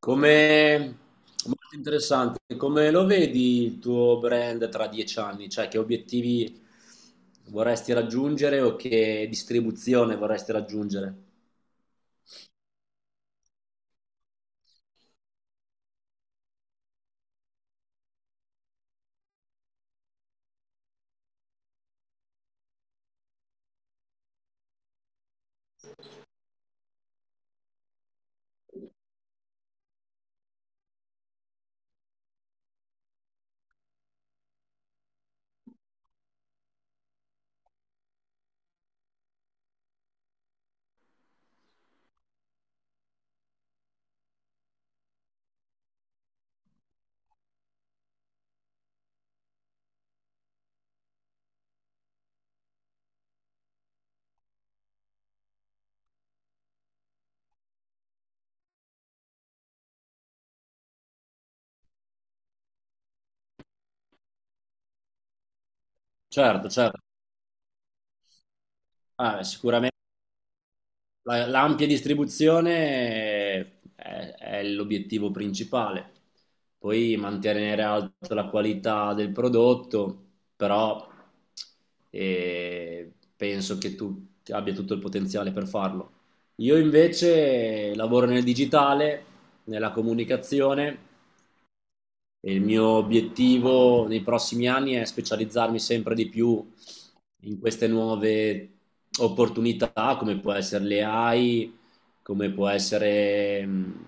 Come... Molto interessante. Come lo vedi il tuo brand tra 10 anni? Cioè, che obiettivi vorresti raggiungere o che distribuzione vorresti raggiungere? Certo, certo. Ah, sicuramente l'ampia distribuzione è l'obiettivo principale, poi mantenere alta la qualità del prodotto, però penso che tu abbia tutto il potenziale per farlo. Io invece lavoro nel digitale, nella comunicazione e il mio obiettivo nei prossimi anni è specializzarmi sempre di più in queste nuove opportunità, come può essere le AI, come può essere... mh,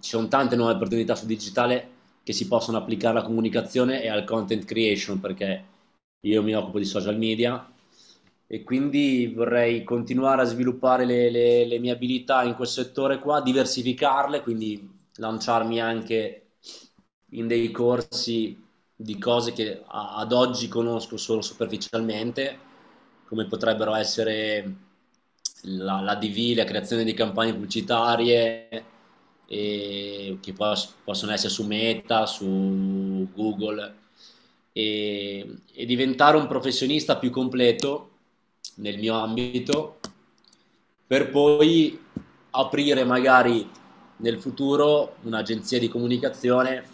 Ci sono tante nuove opportunità sul digitale che si possono applicare alla comunicazione e al content creation, perché io mi occupo di social media e quindi vorrei continuare a sviluppare le mie abilità in quel settore qua, diversificarle, quindi lanciarmi anche in dei corsi di cose che ad oggi conosco solo superficialmente, come potrebbero essere la DV, la creazione di campagne pubblicitarie, che possono essere su Meta, su Google, e, e diventare un professionista più completo nel mio ambito, per poi aprire magari nel futuro un'agenzia di comunicazione,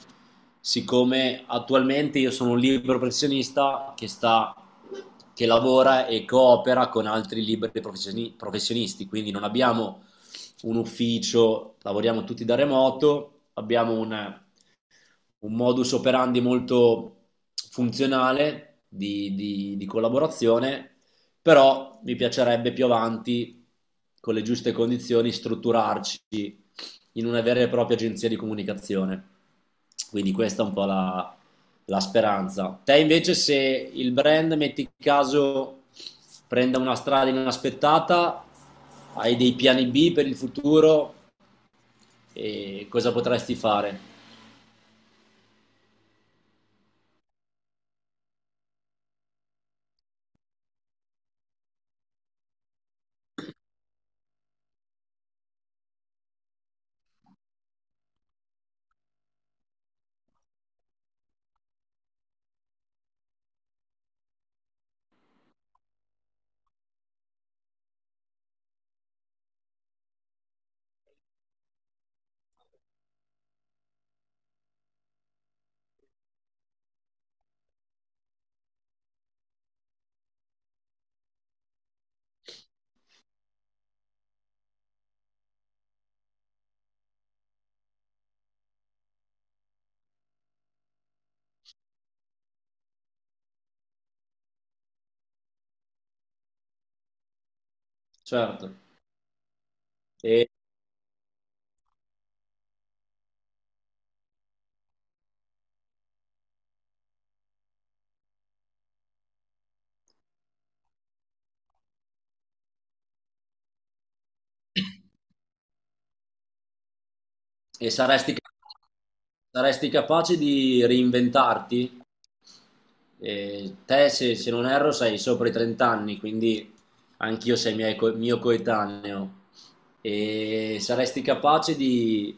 siccome attualmente io sono un libero professionista che lavora e coopera con altri liberi professionisti, quindi non abbiamo un ufficio, lavoriamo tutti da remoto, abbiamo un modus operandi molto funzionale di collaborazione, però mi piacerebbe più avanti, con le giuste condizioni, strutturarci in una vera e propria agenzia di comunicazione. Quindi questa è un po' la speranza. Te invece se il brand, metti caso, prenda una strada inaspettata, hai dei piani B per il futuro e cosa potresti fare? Certo. E E saresti, saresti capace di reinventarti? Te, se non erro, sei sopra i 30 anni, quindi anch'io mio coetaneo. E saresti capace di,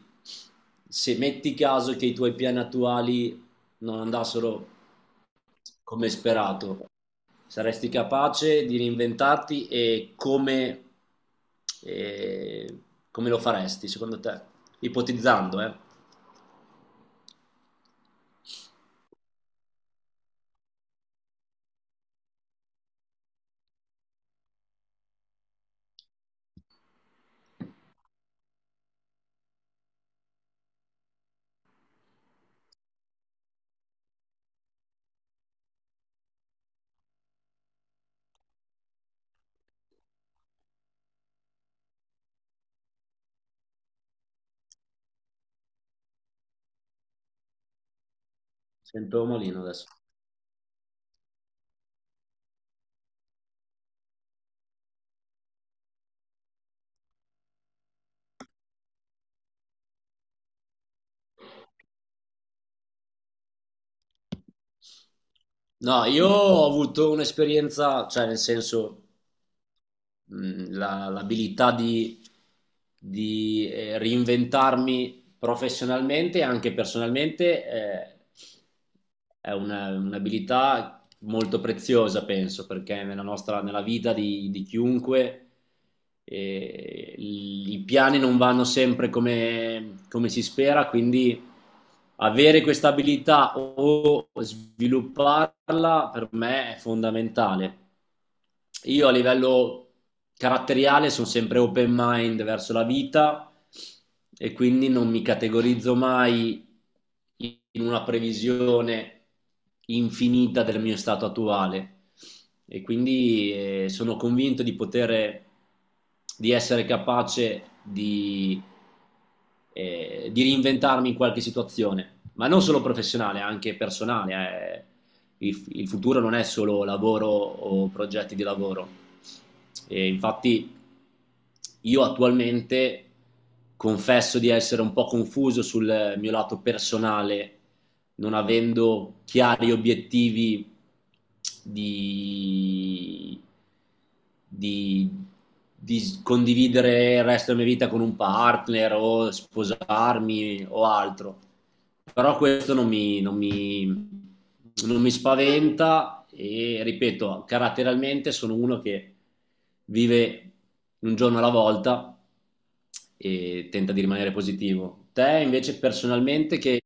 se metti caso che i tuoi piani attuali non andassero come sperato, saresti capace di reinventarti e come lo faresti, secondo te? Ipotizzando, eh? Sempre Omolino adesso. No, io ho avuto un'esperienza, cioè nel senso, l'abilità di reinventarmi professionalmente e anche personalmente, è un'abilità molto preziosa, penso, perché nella nostra, nella vita di chiunque i piani non vanno sempre come si spera, quindi avere questa abilità o svilupparla per me è fondamentale. Io a livello caratteriale sono sempre open mind verso la vita e quindi non mi categorizzo mai in una previsione infinita del mio stato attuale e quindi sono convinto di poter di essere capace di reinventarmi in qualche situazione, ma non solo professionale, anche personale. Eh. Il futuro non è solo lavoro o progetti di lavoro. E infatti io attualmente confesso di essere un po' confuso sul mio lato personale non avendo chiari obiettivi di, di, di condividere il resto della mia vita con un partner o sposarmi o altro. Però questo non mi spaventa e ripeto, caratterialmente sono uno che vive un giorno alla volta e tenta di rimanere positivo. Te invece personalmente che...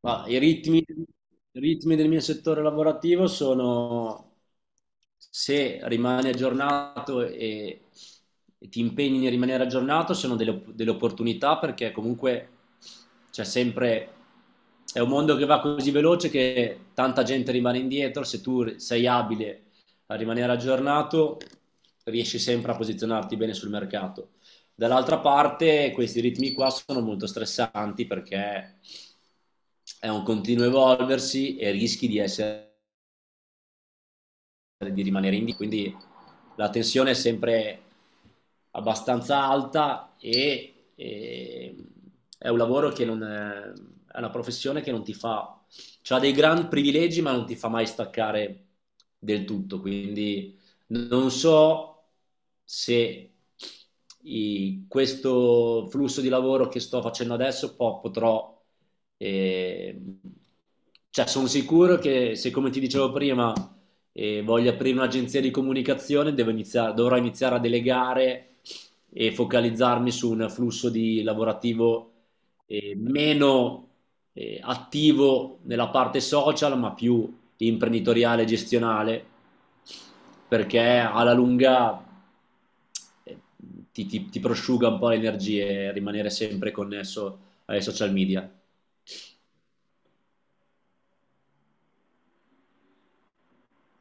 Ma i ritmi del mio settore lavorativo sono se rimani aggiornato e ti impegni nel rimanere aggiornato, sono delle opportunità perché comunque c'è sempre, è un mondo che va così veloce che tanta gente rimane indietro, se tu sei abile a rimanere aggiornato riesci sempre a posizionarti bene sul mercato. Dall'altra parte questi ritmi qua sono molto stressanti perché è un continuo evolversi e rischi di rimanere indie, quindi la tensione è sempre abbastanza alta e è un lavoro che non è, è una professione che non ti fa, ha dei gran privilegi ma non ti fa mai staccare del tutto, quindi non so se questo flusso di lavoro che sto facendo adesso potrò, eh, cioè sono sicuro che se come ti dicevo prima e voglio aprire un'agenzia di comunicazione, dovrò iniziare a delegare e focalizzarmi su un flusso di lavorativo meno attivo nella parte social, ma più imprenditoriale e gestionale, perché alla lunga eh, ti prosciuga un po' le energie rimanere sempre connesso ai social media.